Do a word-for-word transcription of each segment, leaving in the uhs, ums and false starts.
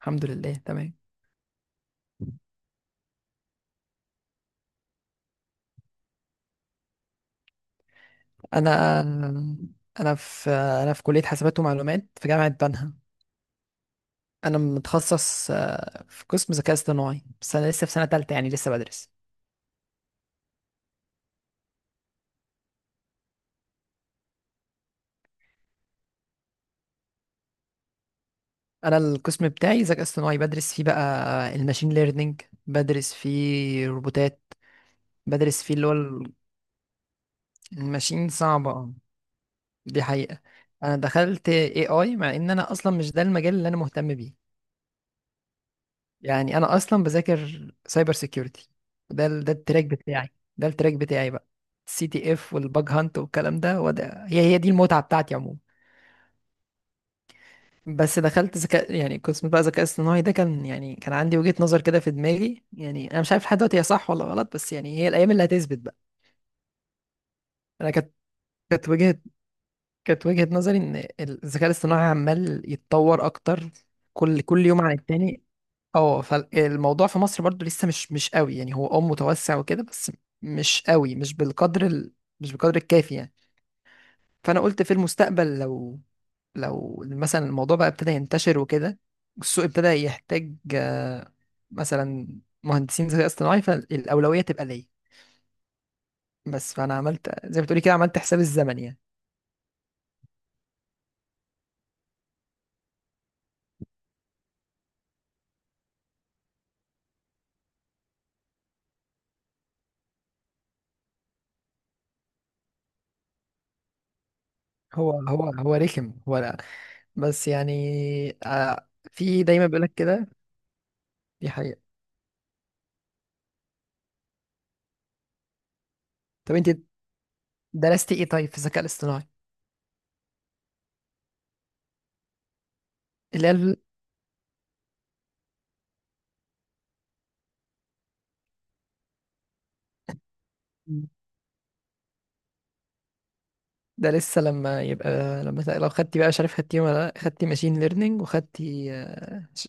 الحمد لله تمام. انا انا في انا في كليه حاسبات ومعلومات في جامعه بنها. انا متخصص آه، في قسم ذكاء اصطناعي، بس انا لسه في سنه تالتة، يعني لسه بدرس. انا القسم بتاعي ذكاء اصطناعي بدرس فيه بقى. الماشين ليرنينج، بدرس فيه روبوتات، بدرس فيه اللي هو ال- الماشين صعبه آه، دي حقيقه. انا دخلت اي اي مع ان انا اصلا مش ده المجال اللي انا مهتم بيه. يعني انا اصلا بذاكر سايبر سيكيورتي، ده ال- ده التراك بتاعي. ده التراك بتاعي بقى. سي تي اف والباج هانت والكلام ده، وده هي هي دي المتعه بتاعتي عموما. بس دخلت ذكاء، يعني قسم بقى ذكاء اصطناعي، ده كان يعني كان عندي وجهه نظر كده في دماغي. يعني انا مش عارف لحد دلوقتي هي صح ولا غلط، بس يعني هي الايام اللي هتثبت بقى. انا كانت كانت وجهه كانت وجهه نظري ان الذكاء الاصطناعي عمال يتطور اكتر كل كل يوم عن التاني. اه، فالموضوع في مصر برضو لسه مش مش قوي. يعني هو اه متوسع وكده، بس مش قوي، مش بالقدر ال... مش بالقدر الكافي يعني. فانا قلت في المستقبل لو، لو مثلا الموضوع بقى ابتدى ينتشر وكده، والسوق ابتدى يحتاج، آه، مثلا، مهندسين ذكاء اصطناعي، فالاولويه تبقى ليا. بس فانا عملت زي ما بتقولي كده، عملت حساب الزمن يعني. هو هو هو رخم، هو لا، بس يعني آه، في دايما بيقولك كده. دي حقيقة. طب انت درستي ايه طيب في الذكاء الاصطناعي؟ اللي هي مم. ده لسه لما يبقى، لما ت- لو خدتي بقى، مش عارف خدتي ولا لا، خدتي ماشين ليرنينج وخدتي آه، ش-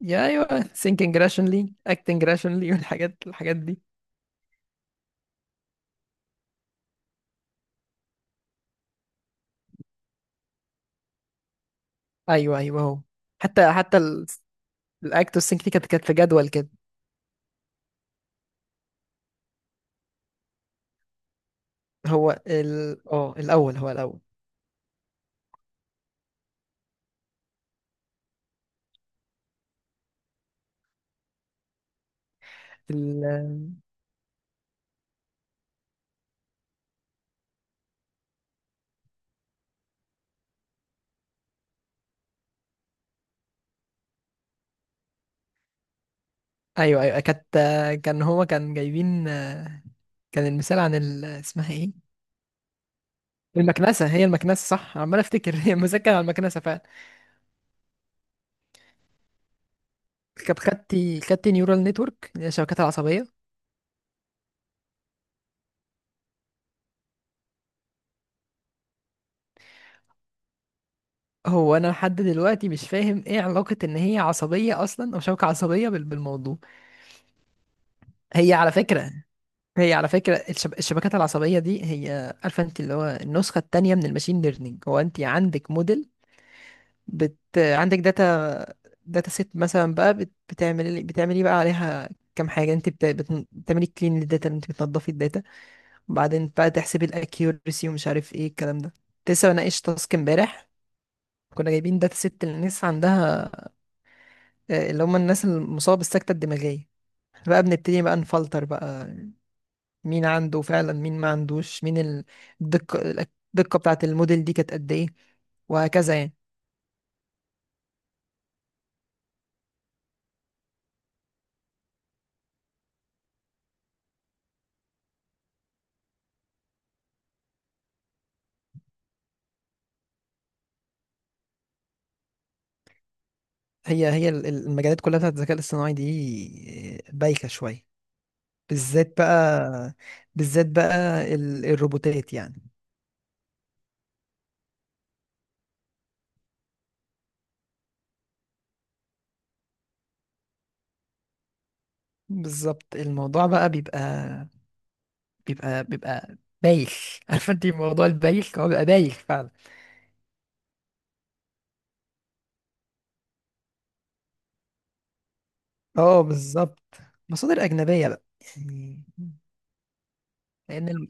يا ايوه، ثينكينج راشونلي، اكتنج راشونلي، والحاجات الحاجات دي. ايوه ايوه، هو. حتى حتى الاكت والسينك دي كانت كانت في جدول كده. هو ال اه الاول هو الاول. ال... آه، ايوه ايوه، كانت آه، كان هو كان جايبين آه، كان المثال عن ال... اسمها ايه، المكنسه، هي المكنسه صح، عمال افتكر هي المثال كان على المكنسه فعلا. كانت خدتي خدتي نيورال نتورك، اللي هي الشبكات العصبيه. هو انا لحد دلوقتي مش فاهم ايه علاقة ان هي عصبية اصلا، او شبكة عصبية بال- بالموضوع. هي على فكرة، هي على فكرة الشب... الشبكات العصبية دي، هي عارفة انت، اللي هو النسخة التانية من الماشين ليرنينج. هو انت عندك موديل، بت... عندك داتا، داتا سيت مثلا بقى، بت... بتعملي بتعملي بقى عليها كام حاجة. انت بت... بت... بتعملي كلين للداتا، انت بتنضفي الداتا، وبعدين بقى تحسبي الاكيورسي ومش عارف ايه الكلام ده. كنت لسه بناقش تاسك امبارح، كنا جايبين داتا سيت للناس عندها، آه، اللي هم الناس المصابة بالسكتة الدماغية. إحنا بقى بنبتدي بقى نفلتر بقى، مين عنده فعلا، مين ما عندوش، مين ال- الدقة، الدقة بتاعة الموديل دي كانت قد إيه، وهكذا يعني. هي هي ال- ال- المجالات كلها بتاعت الذكاء الاصطناعي دي آه، بايخة شوية. بالذات بقى، بالذات بقى ال- الروبوتات يعني. بالظبط، الموضوع بقى بيبقى بيبقى بيبقى بايخ عارفة انت موضوع البايخ، هو بيبقى بايخ فعلا. اه بالظبط. مصادر أجنبية بقى يعني. لان الم...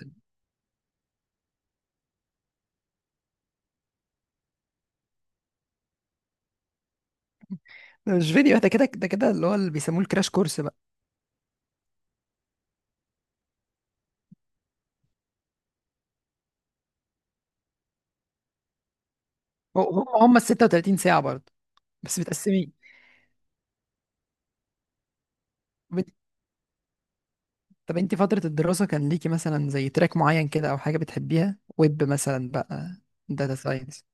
ده مش فيديو، ده كده، ده كده اللي هو اللي بيسموه الكراش كورس بقى. هو- هم هم ال ستة وثلاثين ساعه برضه، بس متقسمين. بت... طب انت فتره الدراسه كان ليكي مثلا زي تراك معين كده، او حاجه بتحبيها، ويب مثلا بقى، داتا ساينس؟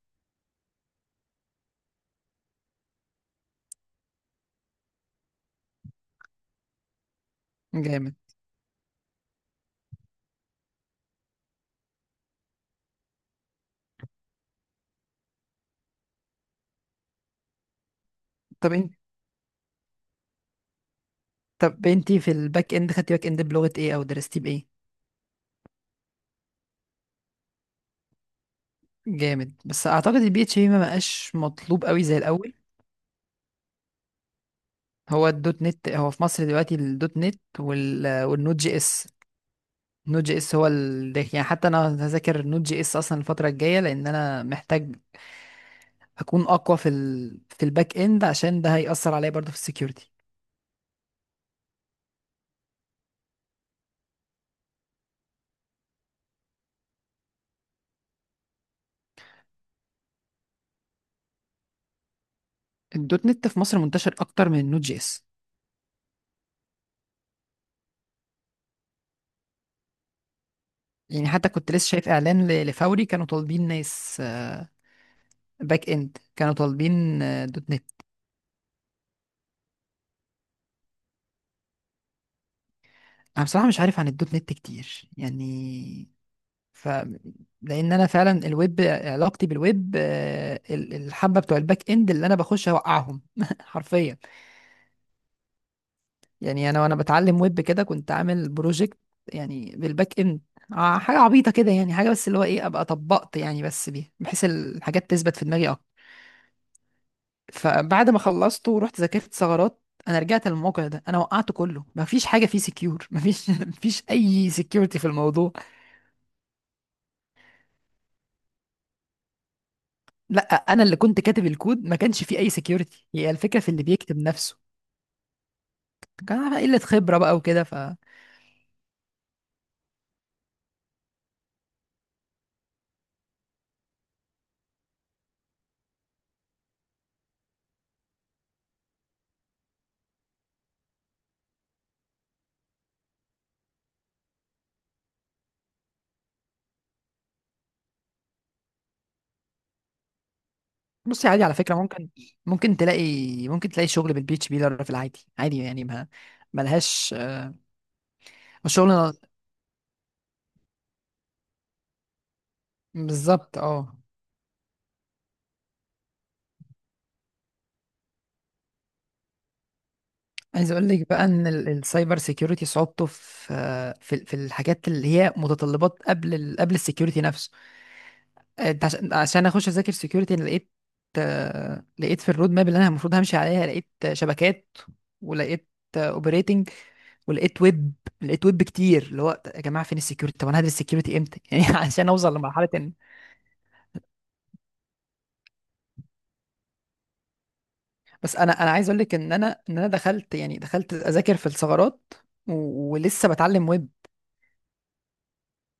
جامد. طب انت طب انت في الباك اند، خدتي باك اند بلغه ايه، او درستي بايه؟ جامد. بس اعتقد البي اتش بي ما بقاش مطلوب قوي زي الاول. هو الدوت نت، هو في مصر دلوقتي الدوت نت وال... والنوت جي اس. نود جي اس هو ال... ده. يعني حتى انا هذاكر نود جي اس اصلا الفتره الجايه، لان انا محتاج اكون اقوى في ال... في الباك اند، عشان ده هيأثر عليا برضه في السكيورتي. الدوت نت في مصر منتشر اكتر من النود جي اس. يعني حتى كنت لسه شايف اعلان ل... لفوري، كانوا طالبين ناس آه، باك اند، كانوا طالبين آه، دوت نت. انا بصراحه مش عارف عن الدوت نت كتير يعني. ف، لان انا فعلا الويب، علاقتي بالويب آه، ال- الحبه بتوع الباك اند اللي انا بخش اوقعهم حرفيا. يعني انا وانا بتعلم ويب كده كنت عامل بروجكت، يعني بالباك اند، ع- حاجه عبيطه كده يعني، حاجه بس اللي هو ايه، ابقى طبقت يعني بس بيها، بحيث الحاجات تثبت في دماغي اكتر. فبعد ما خلصته ورحت ذاكرت ثغرات، انا رجعت للموقع ده، انا وقعته كله. ما فيش حاجه فيه سكيور، ما فيش ما فيش اي سكيورتي في الموضوع. لا، انا اللي كنت كاتب الكود ما كانش فيه اي سكيورتي، هي الفكره في اللي بيكتب نفسه. كان على قله خبره بقى وكده. بصي، عادي على فكرة. ممكن ممكن تلاقي ممكن تلاقي شغل بالبي اتش بي في العادي، عادي يعني. ما ملهاش الشغل، بالظبط اه. عايز اقول لك بقى ان ال- السايبر سيكيورتي صعوبته في في في الحاجات اللي هي متطلبات قبل ال... قبل السيكيورتي نفسه. انت عشان عشان اخش اذاكر سكيورتي، انا لقيت آه، لقيت في الرود ماب اللي انا المفروض همشي عليها، لقيت آه، شبكات، ولقيت اوبريتنج، ولقيت ويب، لقيت ويب كتير. اللي هو يا جماعه فين السكيورتي؟ طب انا هدرس السكيورتي امتى؟ يعني عشان اوصل لمرحله ان، بس انا، انا عايز اقول لك ان انا ان انا دخلت يعني دخلت اذاكر في الثغرات، و- ولسه بتعلم ويب.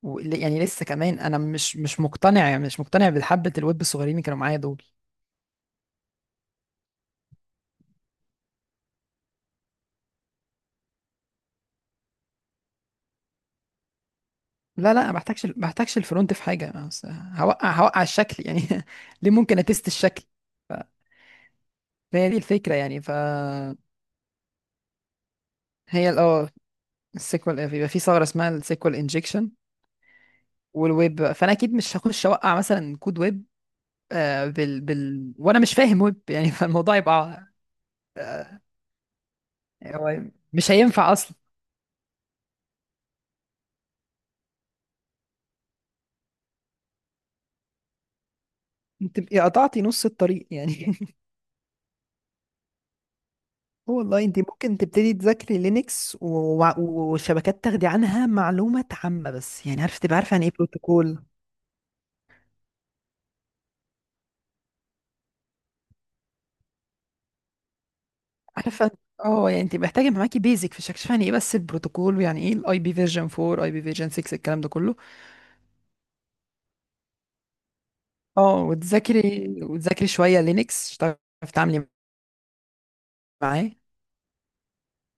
و- يعني لسه كمان انا مش مش مقتنع، يعني مش مقتنع بحبه الويب الصغيرين اللي كانوا معايا دول. لا لا، ما بحتاجش ما بحتاجش الفرونت، في حاجه بس. هوقع هوقع الشكل يعني، ليه ممكن اتست الشكل. فهي دي الفكره يعني. ف، هي ال- اه السيكوال بيبقى في ثغره اسمها السيكوال انجكشن. والويب، فانا اكيد مش هخش اوقع مثلا كود ويب آه، بال بال وانا مش فاهم ويب يعني فالموضوع يبقى. هو مش هينفع اصلا. تبقي قطعتي نص الطريق يعني آه والله. انت ممكن تبتدي تذاكري لينكس و- و- وشبكات، تاخدي عنها معلومات عامة بس يعني، عارفة تبقى عارفة عن ايه بروتوكول. عارفه. اه، يعني انت محتاجه يبقى معاكي بيزك في شكشفة، يعني ايه بس البروتوكول، ويعني ايه الاي بي فيرجن اربعة، اي بي فيرجن ستة، الكلام ده كله. اه، وتذاكري وتذاكري شويه لينكس، تعرفي تتعاملي معاه.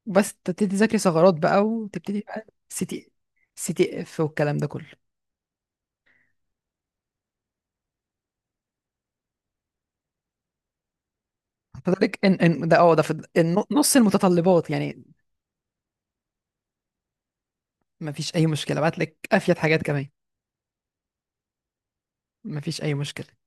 بس تبتدي تذاكري ثغرات بقى، وتبتدي بقى سي تي سي تي اف والكلام ده كله. فذلك ان ان ده اه ده في الن- نص المتطلبات يعني. ما فيش اي مشكله، بعت لك افيد حاجات كمان، ما فيش اي مشكله.